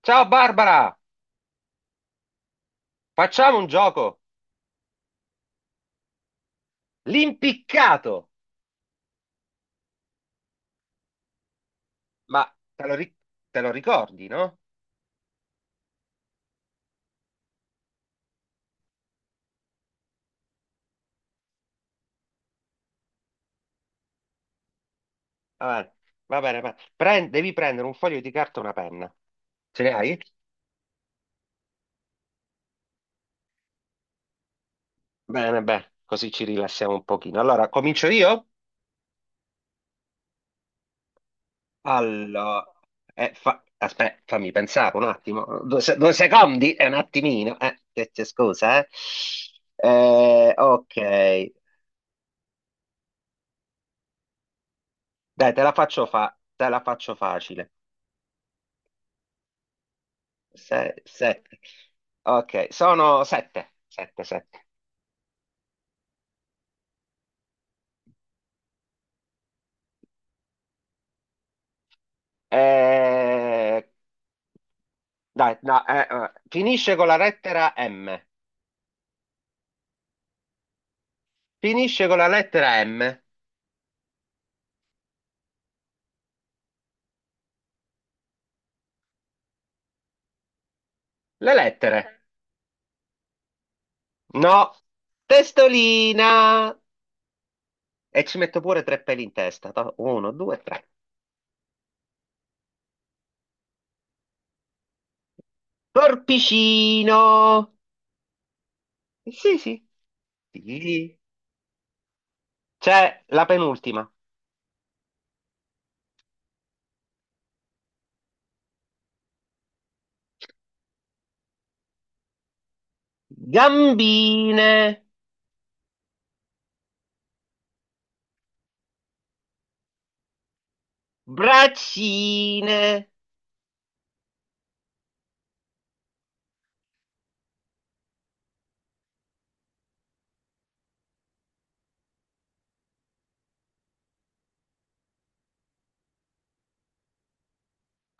Ciao Barbara, facciamo un gioco. L'impiccato. Ma te lo, ri- te lo ricordi, no? Va bene, va bene. Devi prendere un foglio di carta e una penna. Ce ne hai? Bene, bene, così ci rilassiamo un pochino. Allora, comincio io? Allora, aspetta, fammi pensare un attimo. Due, due secondi, è un attimino. Che c'è, scusa, eh. Ok, dai, te la faccio facile. Sei, sette. Ok, sono sette, sette, sette. Eh, Dai, no, finisce con la lettera M. Finisce con la lettera M. Le lettere. No. Testolina. E ci metto pure tre peli in testa. Uno, due, tre. Corpicino. Sì, sì. Sì. C'è la penultima. Gambine. Braccine.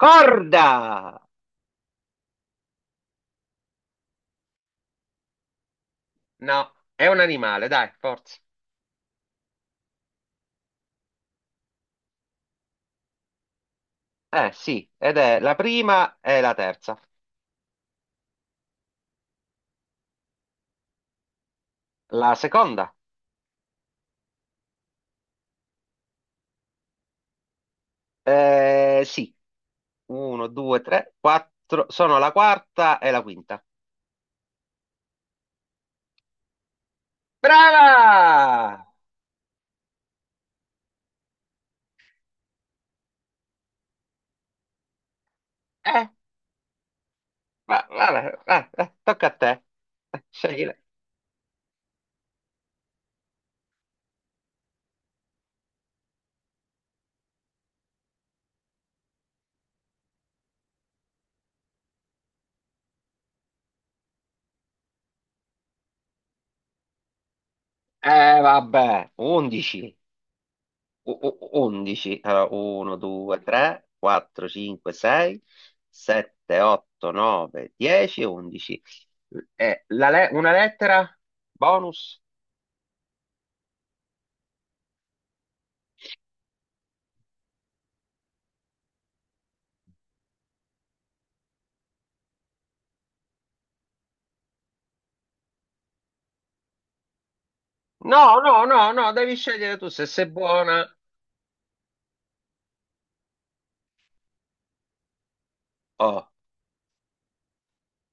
Corda. No, è un animale, dai, forza. Eh sì, ed è la prima e la terza. La seconda? Eh sì, uno, due, tre, quattro, sono la quarta e la quinta. Brava! Eh, Vabbè, tocca a te. Scegli. Eh vabbè, undici. o- o- 11, allora 1, 2, 3, 4, 5, 6, 7, 8, 9, 10, 11. Una lettera? Bonus? No, no, no, no, devi scegliere tu se sei buona. Oh,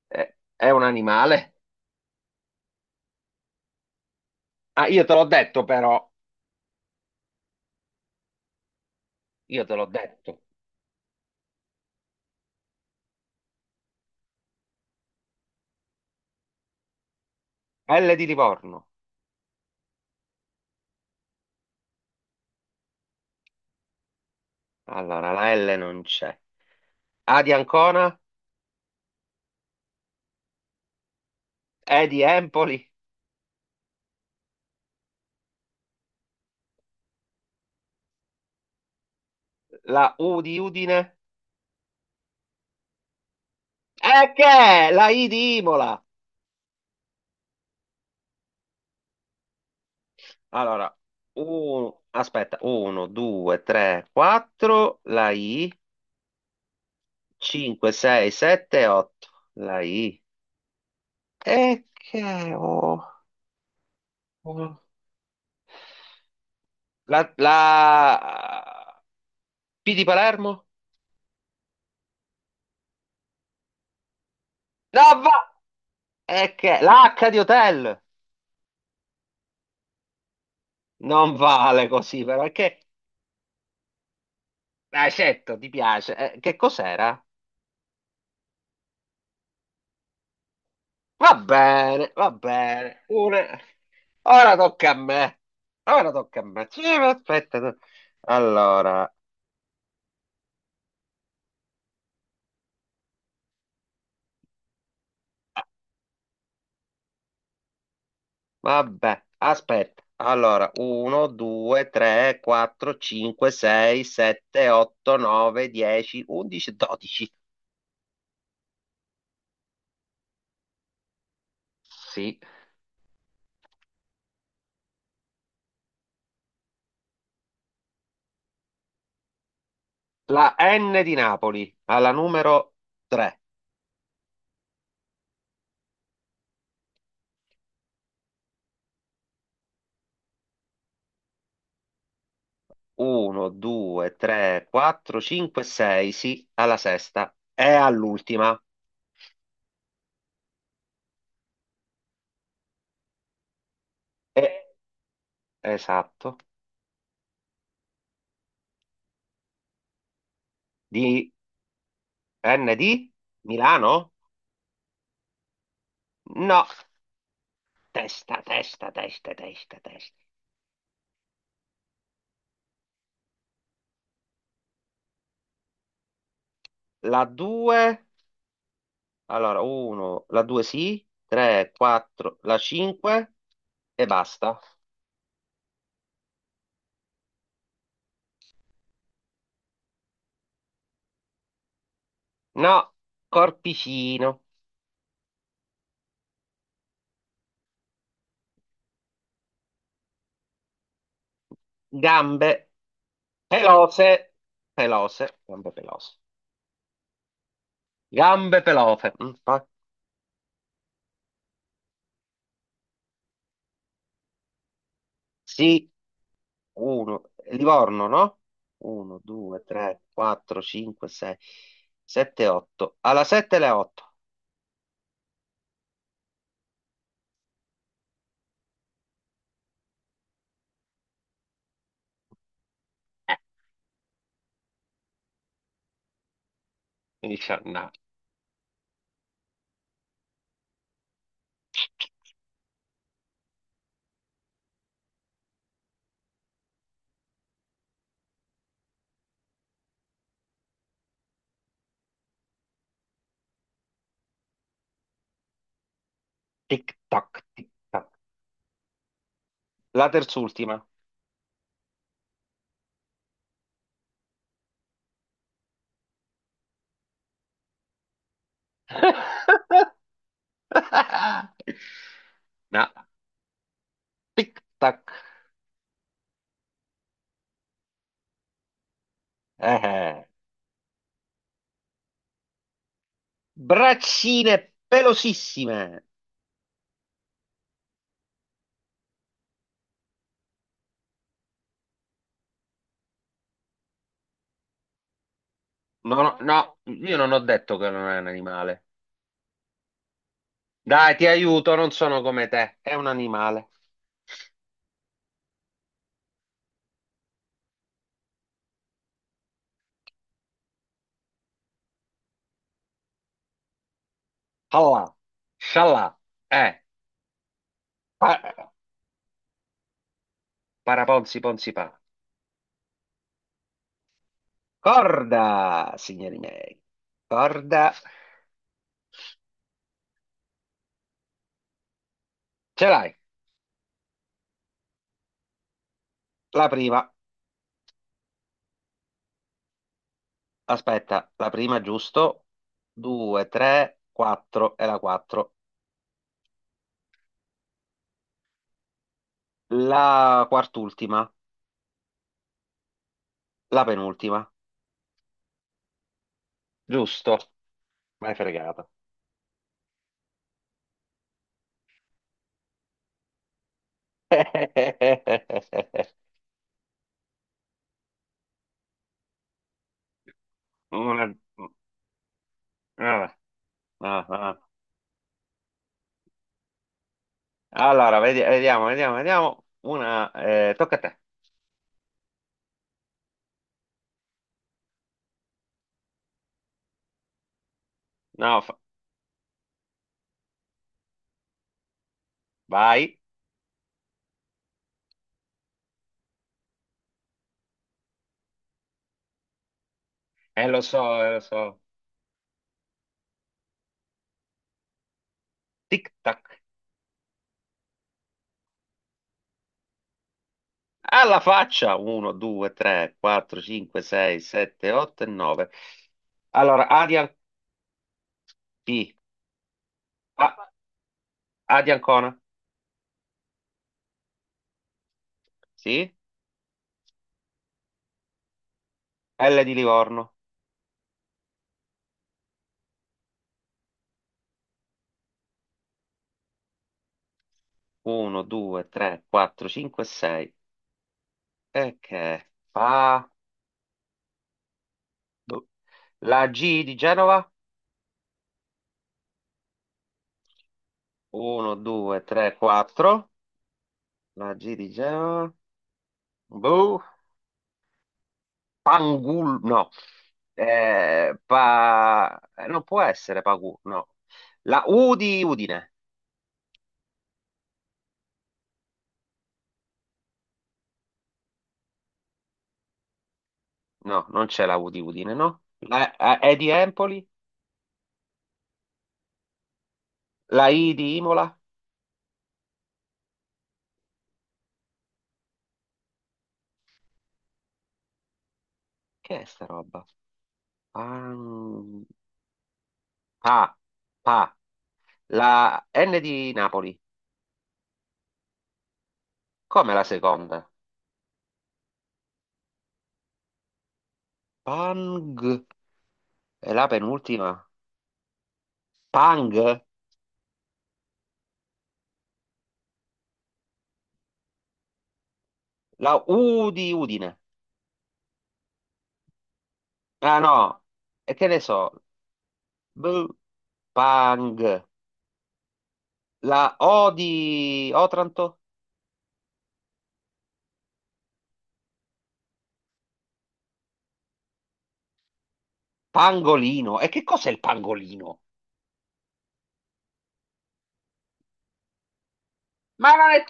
è un animale? Ah, io te l'ho detto però, io te l'ho detto. L di Livorno. Allora, la L non c'è. A di Ancona? E di Empoli? La U di Udine? E che? È? La I di Imola? Allora, aspetta, 1, 2, 3, 4, la I, 5, 6, 7, 8, la I. E che ho? ho- la P di Palermo? No, va! E che? L'H di Hotel? Non vale così, però, è che. L'accetto, ti piace. Che cos'era? Va bene, va bene. Ora tocca a me. Ora tocca a me. Sì, ma aspetta. No. Allora, vabbè, aspetta. Allora, 1, 2, 3, 4, 5, 6, 7, 8, 9, 10, 11, 12. Sì. La N di Napoli, alla numero 3. 1, 2, 3, 4, 5, 6, sì, alla sesta. E all'ultima. E- Esatto. Di N di Milano? No, testa, testa, testa, testa, testa. La 2, allora 1, la 2 sì, 3, 4, la 5 e basta. No, corpicino, gambe pelose, pelose, gambe pelose, gambe pelose. Sì, 1, Livorno, no? 1, 2, 3, 4, 5, 6, 7, 8. Alla 7 le 8. Eh, Tic-tac, tic-tac. La terz'ultima. No, tic-tac. Eh. Braccine pelosissime. No, no, no, io non ho detto che non è un animale. Dai, ti aiuto, non sono come te. È un animale. Allah, scialla, eh. Pa- paraponzi, ponzi, pa. Corda, signori miei. Corda. Ce l'hai, la prima. Aspetta, la prima giusto. 2, 3, 4 e la 4. La quart'ultima, la penultima. Giusto. M'hai fregato. Una... Vabbè, ah, ah. Allora, vediamo, vediamo, vediamo. Tocca a te. No, vai. Lo so, lo so. Tic tac. Alla faccia. 1, 2, 3, 4, 5, 6, 7, 8 e 9. Allora, Arial P. A di Ancona. Sì. L di Livorno. 1, 2, 3, 4, 5, 6. E che fa? Boh. La G di Genova. 1, 2, 3, 4. La G di Genova. Boh. Pangul. No. Non può essere Pagu. No. La U di Udine. No, non c'è la U di Udine, no? La E di Empoli. La I di Imola. Che è sta roba? Pan- Pa. Pa. La N di Napoli. Come la seconda? Pang. È la penultima. Pang. La U di Udine. Ah no. E che ne so? B. Pang. La O di Otranto. Pangolino. E che cos'è il pangolino? Ma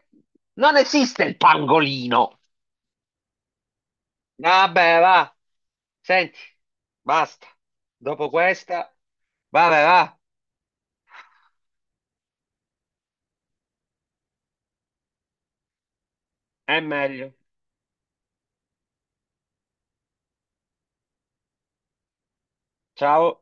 non esiste il pangolino. Vabbè, va. Senti, basta. Dopo questa, vabbè, va. È meglio. Ciao.